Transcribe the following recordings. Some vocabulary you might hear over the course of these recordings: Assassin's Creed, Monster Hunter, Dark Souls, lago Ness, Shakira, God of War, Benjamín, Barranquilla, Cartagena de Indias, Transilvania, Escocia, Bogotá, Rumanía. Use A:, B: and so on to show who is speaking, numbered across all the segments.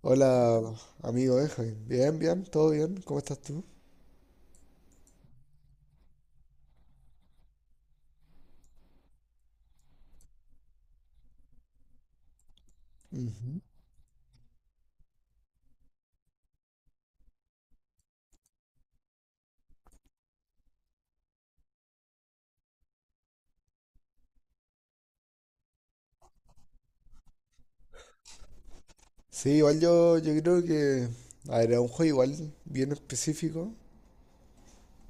A: Hola, amigo Benjamín. Bien, bien, todo bien. ¿Cómo estás tú? Ujú. Sí, igual yo creo que... A ver, es un juego igual bien específico,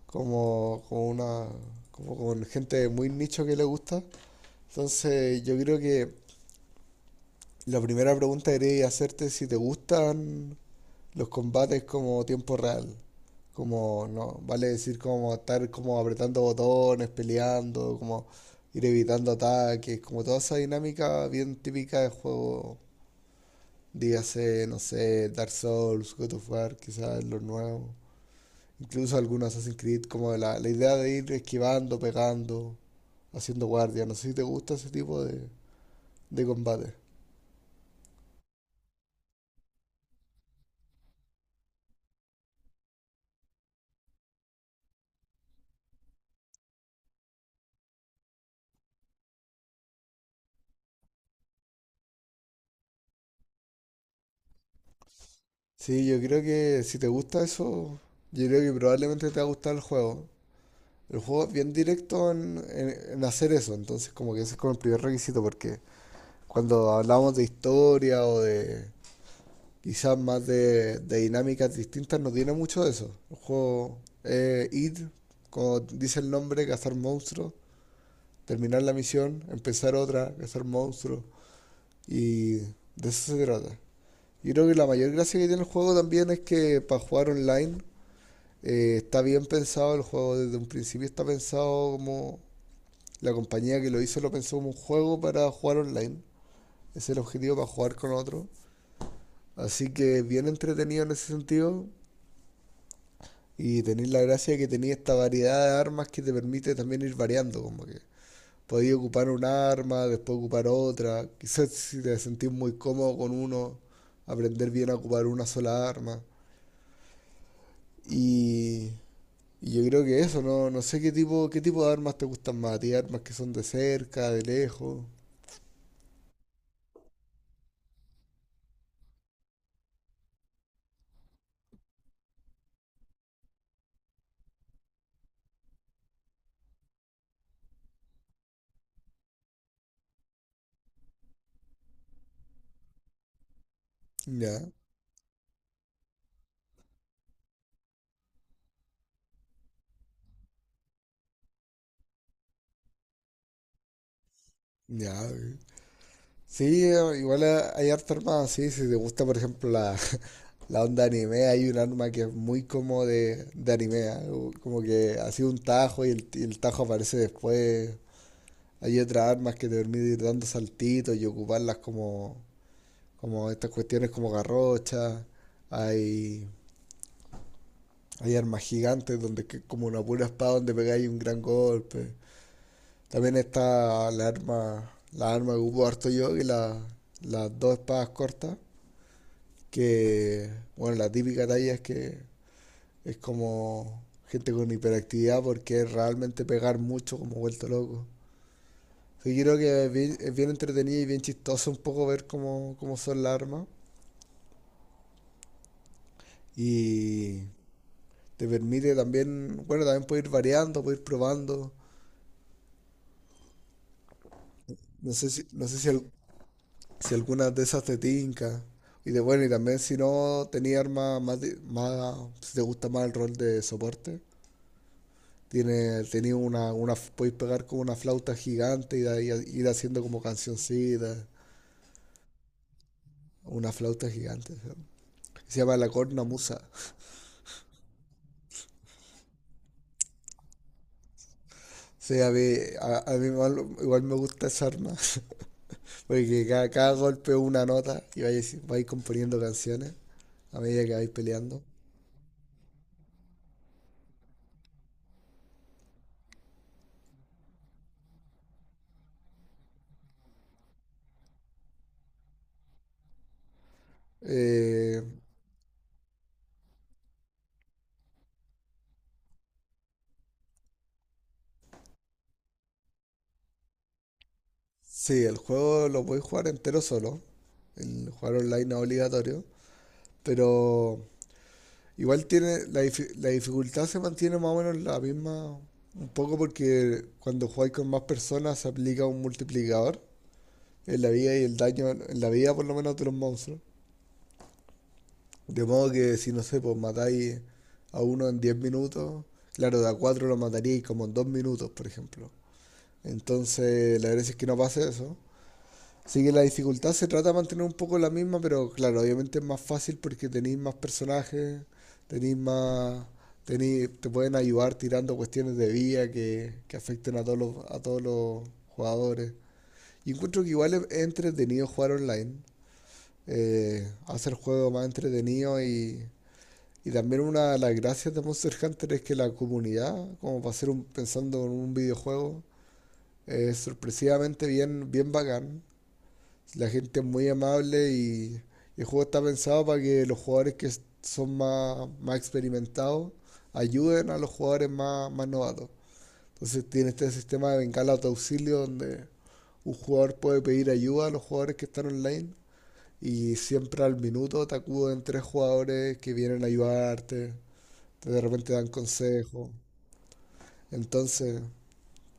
A: como una... como con gente muy nicho que le gusta. Entonces, yo creo que la primera pregunta que quería hacerte es si te gustan los combates como tiempo real. Como, no, vale decir como estar como apretando botones, peleando, como ir evitando ataques, como toda esa dinámica bien típica de juego. Dígase, no sé, Dark Souls, God of War, quizás lo nuevo. Incluso algunos Assassin's Creed, como la idea de ir esquivando, pegando, haciendo guardia. No sé si te gusta ese tipo de combate. Sí, yo creo que si te gusta eso, yo creo que probablemente te va a gustar el juego. El juego es bien directo en hacer eso, entonces como que ese es como el primer requisito, porque cuando hablamos de historia o de, quizás más de dinámicas distintas, no tiene mucho de eso. El juego ir, como dice el nombre, cazar monstruos, terminar la misión, empezar otra, cazar monstruos, y de eso se trata. Yo creo que la mayor gracia que tiene el juego también es que para jugar online está bien pensado, el juego desde un principio está pensado como la compañía que lo hizo lo pensó como un juego para jugar online. Ese es el objetivo para jugar con otro. Así que bien entretenido en ese sentido. Y tenéis la gracia de que tenéis esta variedad de armas que te permite también ir variando, como que podéis ocupar un arma, después ocupar otra. Quizás si te sentís muy cómodo con uno, aprender bien a ocupar una sola arma. Y, y yo creo que eso, no, no sé qué tipo de armas te gustan más, a armas que son de cerca, de lejos. Ya, ya. Ok. Sí, igual hay harta armada, sí, si te gusta por ejemplo la onda anime, hay un arma que es muy como de anime, algo como que ha sido un tajo y y el tajo aparece después. Hay otras armas que te permiten ir dando saltitos y ocuparlas como estas cuestiones como garrochas. Hay, hay armas gigantes donde como una pura espada donde pegáis un gran golpe. También está la arma que ocupo harto yo, las dos espadas cortas, que bueno, la típica talla es como gente con hiperactividad porque es realmente pegar mucho como vuelto loco. Así que creo que es bien entretenido y bien chistoso un poco ver cómo son las armas. Y te permite también, bueno, también puedes ir variando, puedes ir probando. No sé si, no sé si, al- si algunas de esas te tinca. Y de bueno, y también si no tenía armas más, más, si te gusta más el rol de soporte, tenía una, podéis pegar como una flauta gigante y de ahí ir haciendo como cancioncitas. Una flauta gigante. Se llama la cornamusa. O sea, a mí, a mí igual, igual me gusta esa arma. Porque cada golpe es una nota y vais componiendo canciones a medida que vais peleando. Eh, sí, el juego lo podéis jugar entero solo. El jugar online no es obligatorio. Pero igual tiene. La dificultad se mantiene más o menos la misma. Un poco porque cuando jugáis con más personas se aplica un multiplicador en la vida y el daño, en la vida por lo menos de los monstruos. De modo que si no sé, pues matáis a uno en 10 minutos, claro, de a 4 lo mataríais como en 2 minutos, por ejemplo. Entonces, la gracia es que no pase eso. Así que la dificultad se trata de mantener un poco la misma, pero claro, obviamente es más fácil porque tenéis más personajes, tenéis más, te pueden ayudar tirando cuestiones de vida que afecten a todos los jugadores. Y encuentro que igual es entretenido jugar online. Hace el juego más entretenido y también una de las gracias de Monster Hunter es que la comunidad, como para ser un, pensando en un videojuego, es sorpresivamente bien, bien bacán. La gente es muy amable y el juego está pensado para que los jugadores que son más experimentados ayuden a los jugadores más novatos. Entonces tiene este sistema de bengala de auxilio donde un jugador puede pedir ayuda a los jugadores que están online y siempre al minuto te acuden tres jugadores que vienen a ayudarte, te de repente dan consejo. Entonces,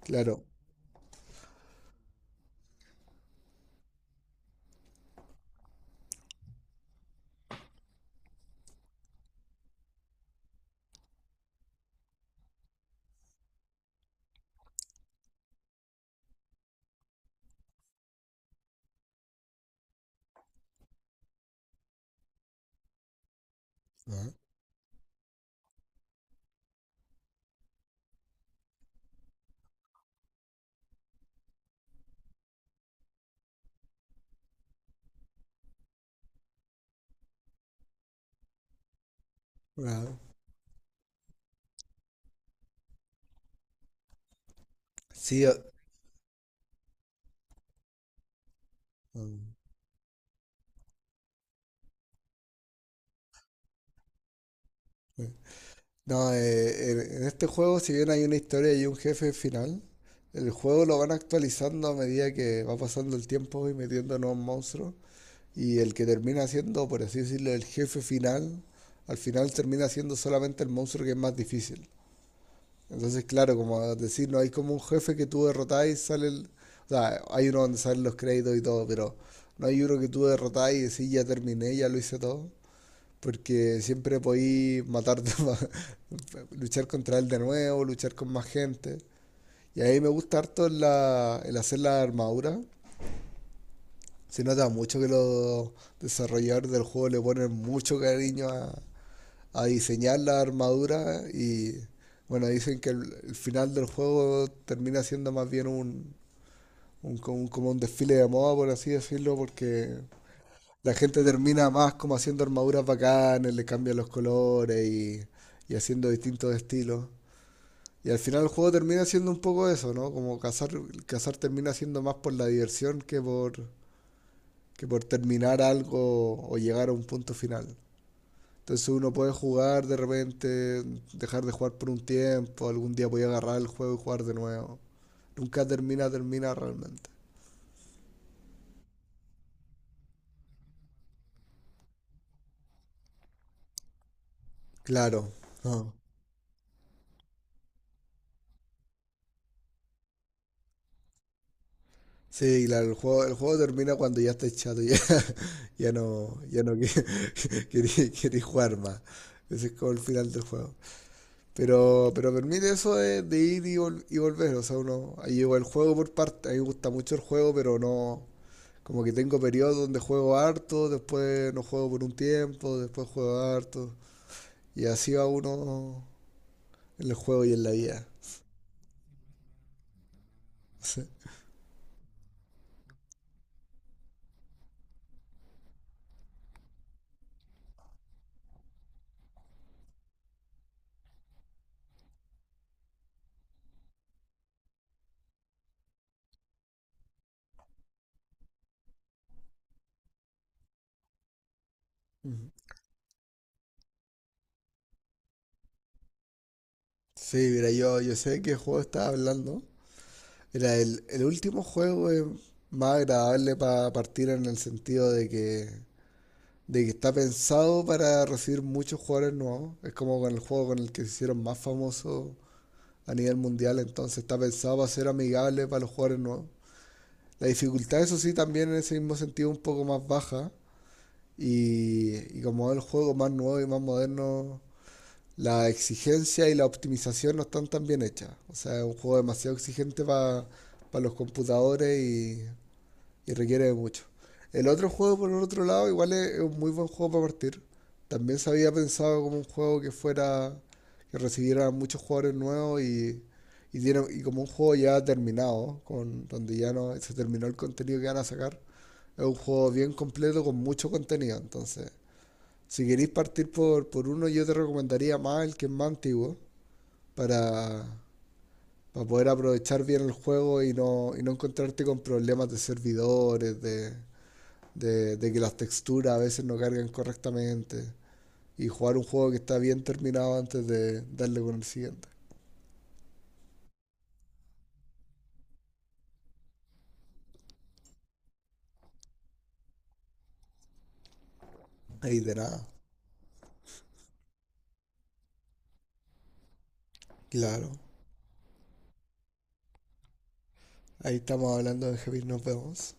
A: claro. Ah, ah, sí, ah, ah, eh. No, en este juego, si bien hay una historia y un jefe final, el juego lo van actualizando a medida que va pasando el tiempo y metiendo nuevos monstruos. Y el que termina siendo, por así decirlo, el jefe final, al final termina siendo solamente el monstruo que es más difícil. Entonces, claro, como decir, no hay como un jefe que tú derrotás y sale el... O sea, hay uno donde salen los créditos y todo, pero no hay uno que tú derrotás y decís, ya terminé, ya lo hice todo. Porque siempre podí matarte, luchar contra él de nuevo, luchar con más gente. Y ahí me gusta harto el hacer la armadura. Se nota mucho que los desarrolladores del juego le ponen mucho cariño a diseñar la armadura y bueno, dicen que el final del juego termina siendo más bien un, como un desfile de moda, por así decirlo, porque la gente termina más como haciendo armaduras bacanas, le cambian los colores y haciendo distintos estilos. Y al final el juego termina siendo un poco eso, ¿no? Como cazar termina siendo más por la diversión que que por terminar algo o llegar a un punto final. Entonces uno puede jugar de repente, dejar de jugar por un tiempo, algún día voy a agarrar el juego y jugar de nuevo. Nunca termina, termina realmente. Claro, no. Sí, claro, el juego termina cuando ya estás chato, ya, ya no, ya no queréis jugar más. Ese es como el final del juego. Pero permite eso de ir y, y volver. O sea, uno ahí lleva el juego por parte. A mí me gusta mucho el juego, pero no, como que tengo periodos donde juego harto, después no juego por un tiempo, después juego harto. Y así va uno en el juego y en la vida. Sí, ujú. Sí, mira, yo sé de qué juego estaba hablando. Era el último juego es más agradable para partir en el sentido de que, está pensado para recibir muchos jugadores nuevos. Es como con el juego con el que se hicieron más famosos a nivel mundial, entonces está pensado para ser amigable para los jugadores nuevos. La dificultad, eso sí, también en ese mismo sentido un poco más baja. Y como es el juego más nuevo y más moderno, la exigencia y la optimización no están tan bien hechas. O sea, es un juego demasiado exigente para los computadores y requiere de mucho. El otro juego, por el otro lado, igual es un muy buen juego para partir. También se había pensado como un juego que recibiera muchos jugadores nuevos y, y como un juego ya terminado, con, donde ya no se terminó el contenido que van a sacar. Es un juego bien completo con mucho contenido. Entonces, si queréis partir por uno, yo te recomendaría más el que es más antiguo para, para poder aprovechar bien el juego y y no encontrarte con problemas de servidores, de que las texturas a veces no cargan correctamente y jugar un juego que está bien terminado antes de darle con el siguiente. Ahí de nada. Claro. Ahí estamos hablando, Benjamín. Nos vemos.